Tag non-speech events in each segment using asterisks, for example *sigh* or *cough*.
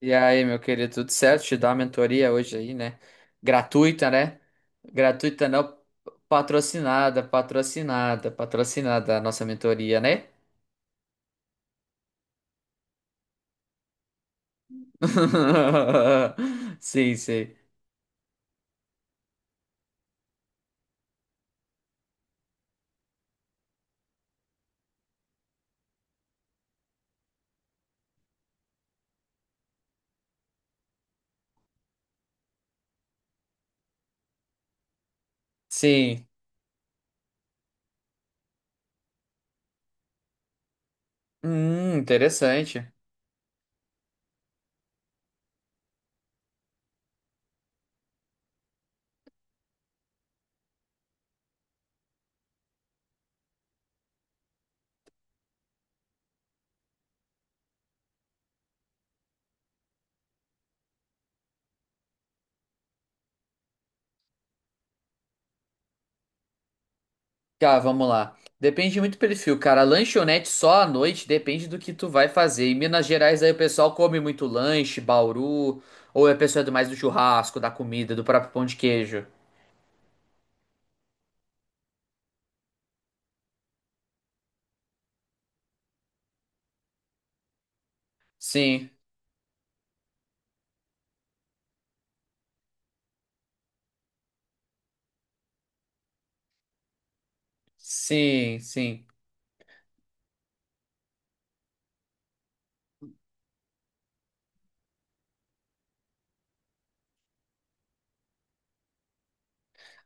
E aí, meu querido, tudo certo? Te dá uma mentoria hoje aí, né? Gratuita, né? Gratuita não, patrocinada, patrocinada, patrocinada a nossa mentoria, né? *laughs* Sim, sim. Sim. Interessante. Tá, vamos lá. Depende muito do perfil, cara. Lanchonete só à noite depende do que tu vai fazer. Em Minas Gerais aí o pessoal come muito lanche, bauru, ou a pessoa é do mais do churrasco, da comida, do próprio pão de queijo. Sim. Sim, sim.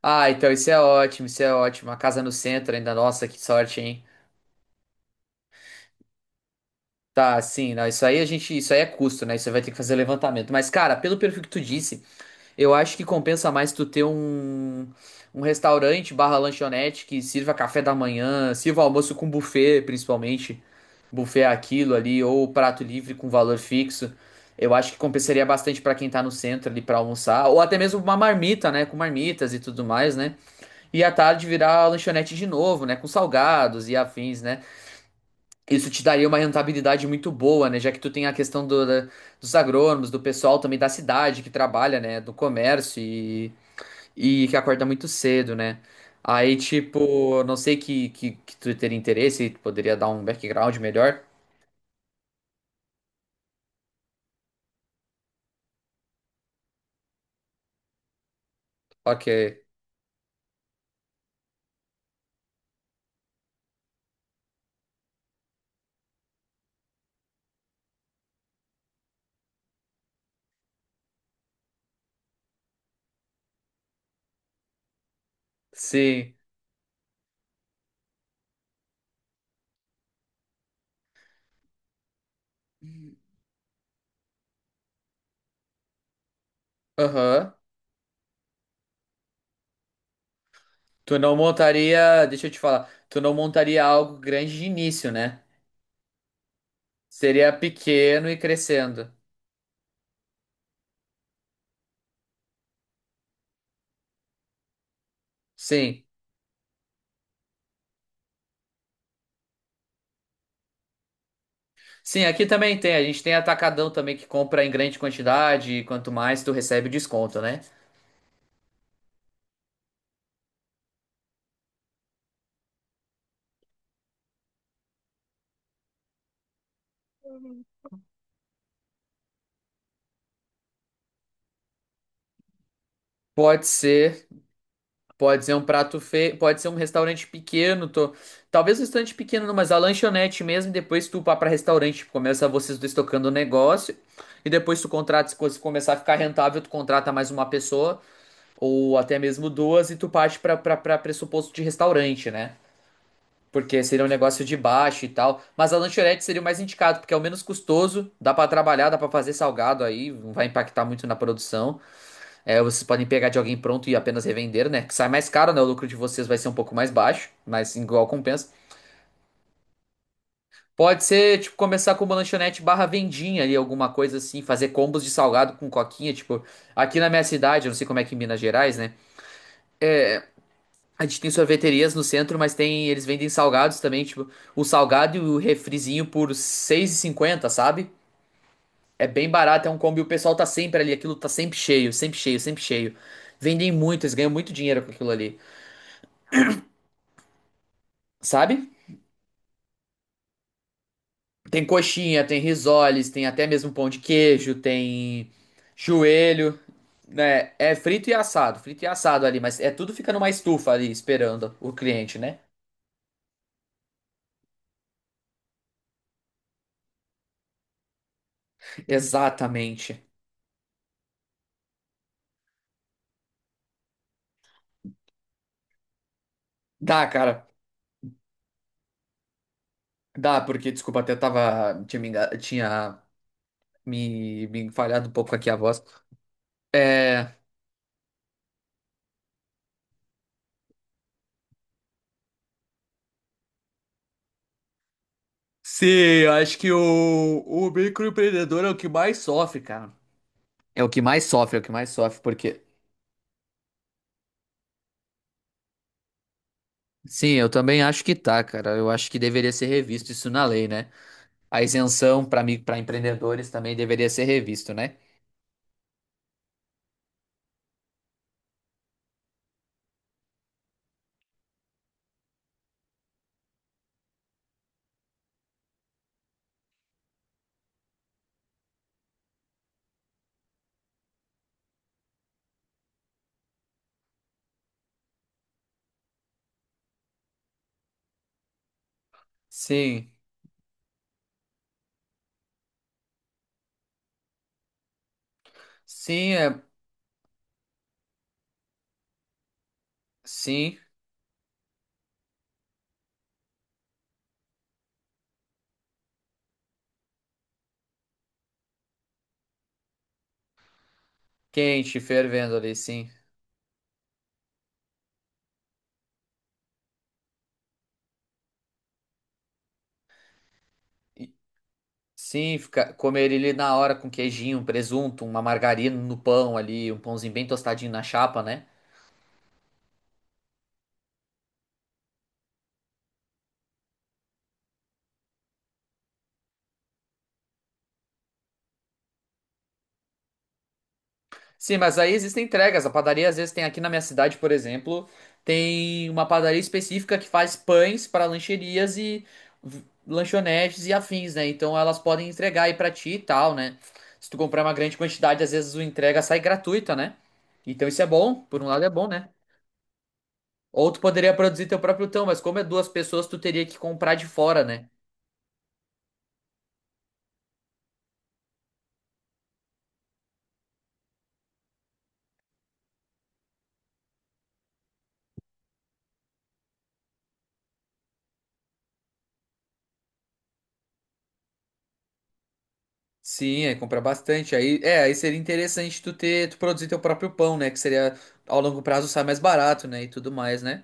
Ah, então isso é ótimo, isso é ótimo. A casa no centro ainda, nossa, que sorte, hein? Tá, sim, não, isso aí a gente, isso aí é custo, né? Isso aí vai ter que fazer levantamento. Mas, cara, pelo perfil que tu disse, eu acho que compensa mais um restaurante barra lanchonete que sirva café da manhã, sirva almoço com buffet, principalmente. Buffet é aquilo ali, ou prato livre com valor fixo. Eu acho que compensaria bastante pra quem tá no centro ali pra almoçar, ou até mesmo uma marmita, né? Com marmitas e tudo mais, né? E à tarde virar lanchonete de novo, né? Com salgados e afins, né? Isso te daria uma rentabilidade muito boa, né? Já que tu tem a questão dos agrônomos, do pessoal também da cidade que trabalha, né? Do comércio e que acorda muito cedo, né? Aí, tipo, não sei que tu teria interesse, tu poderia dar um background melhor. Ok. Sim. Aham. Tu não montaria, deixa eu te falar, tu não montaria algo grande de início, né? Seria pequeno e crescendo. Sim. Sim, aqui também tem. A gente tem atacadão também que compra em grande quantidade e quanto mais tu recebe desconto, né? Pode ser, pode ser um prato feio, pode ser um restaurante pequeno, tô... talvez um restaurante pequeno, não, mas a lanchonete mesmo, depois tu pá pra restaurante, tipo, começa vocês dois tocando o negócio e depois tu contrata, se coisa começar a ficar rentável, tu contrata mais uma pessoa ou até mesmo duas e tu parte pra pressuposto de restaurante, né? Porque seria um negócio de baixo e tal. Mas a lanchonete seria o mais indicado, porque é o menos custoso, dá pra trabalhar, dá pra fazer salgado aí, não vai impactar muito na produção. É, vocês podem pegar de alguém pronto e apenas revender, né? Que sai mais caro, né? O lucro de vocês vai ser um pouco mais baixo, mas igual compensa. Pode ser, tipo, começar com uma lanchonete barra vendinha ali, alguma coisa assim, fazer combos de salgado com coquinha, tipo, aqui na minha cidade, eu não sei como é que em Minas Gerais, né? A gente tem sorveterias no centro, mas tem, eles vendem salgados também, tipo, o salgado e o refrizinho por R$ seis e cinquenta, sabe? É bem barato, é um combo e o pessoal tá sempre ali, aquilo tá sempre cheio, sempre cheio, sempre cheio. Vendem muito, eles ganham muito dinheiro com aquilo ali, sabe? Tem coxinha, tem risoles, tem até mesmo pão de queijo, tem joelho, né? É frito e assado ali, mas é tudo fica numa estufa ali esperando o cliente, né? Exatamente. Dá, cara. Dá, porque, desculpa, até tava. Tinha me falhado um pouco aqui a voz. É. Sim, eu acho o microempreendedor é o que mais sofre, cara. É o que mais sofre, é o que mais sofre, porque. Sim, eu também acho que tá, cara. Eu acho que deveria ser revisto isso na lei, né? A isenção para mim, para empreendedores também deveria ser revisto, né? Sim. Sim, é. Sim. Quente, fervendo ali, sim. Sim, fica, comer ele na hora com queijinho, um presunto, uma margarina no pão ali, um pãozinho bem tostadinho na chapa, né? Sim, mas aí existem entregas. A padaria às vezes tem aqui na minha cidade, por exemplo, tem uma padaria específica que faz pães para lancherias e lanchonetes e afins, né? Então elas podem entregar aí pra ti e tal, né? Se tu comprar uma grande quantidade, às vezes o entrega sai gratuita, né? Então isso é bom, por um lado é bom, né? Ou tu poderia produzir teu próprio pão, mas como é duas pessoas, tu teria que comprar de fora, né? Sim, aí comprar bastante. Aí, é, aí seria interessante tu ter, tu produzir teu próprio pão, né? Que seria ao longo prazo sai mais barato, né? E tudo mais, né?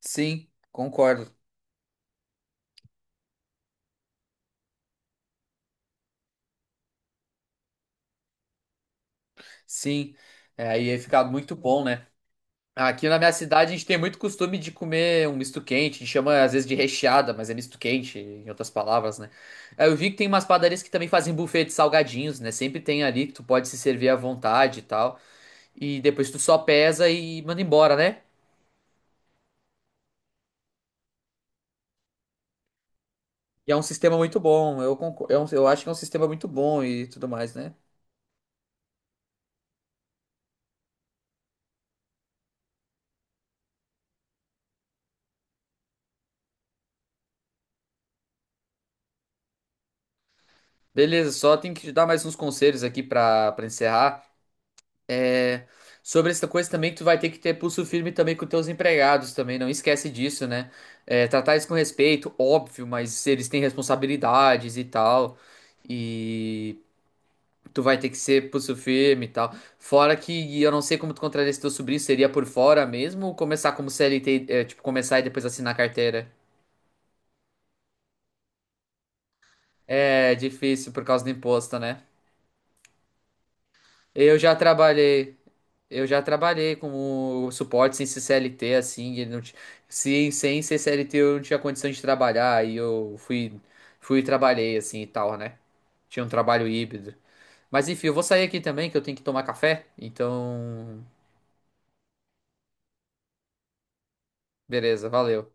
Sim, concordo. Sim. É, aí ia ficar muito bom, né? Aqui na minha cidade a gente tem muito costume de comer um misto quente, a gente chama às vezes de recheada, mas é misto quente, em outras palavras, né? Aí eu vi que tem umas padarias que também fazem buffet de salgadinhos, né? Sempre tem ali que tu pode se servir à vontade e tal. E depois tu só pesa e manda embora, né? E é um sistema muito bom. Eu acho que é um sistema muito bom e tudo mais, né? Beleza, só tem que te dar mais uns conselhos aqui pra para encerrar. É, sobre essa coisa também, tu vai ter que ter pulso firme também com teus empregados também. Não esquece disso, né? É, tratar isso com respeito, óbvio, mas eles têm responsabilidades e tal. E tu vai ter que ser pulso firme e tal. Fora que eu não sei como tu contraria esse teu sobrinho, seria por fora mesmo ou começar como CLT, é, tipo, começar e depois assinar carteira? É difícil por causa do imposto, né? Eu já trabalhei, eu já trabalhei com o suporte sem ser CLT, assim, se sem ser CLT eu não tinha condição de trabalhar, fui e trabalhei, assim, e tal, né? Tinha um trabalho híbrido. Mas enfim, eu vou sair aqui também, que eu tenho que tomar café, então, beleza, valeu.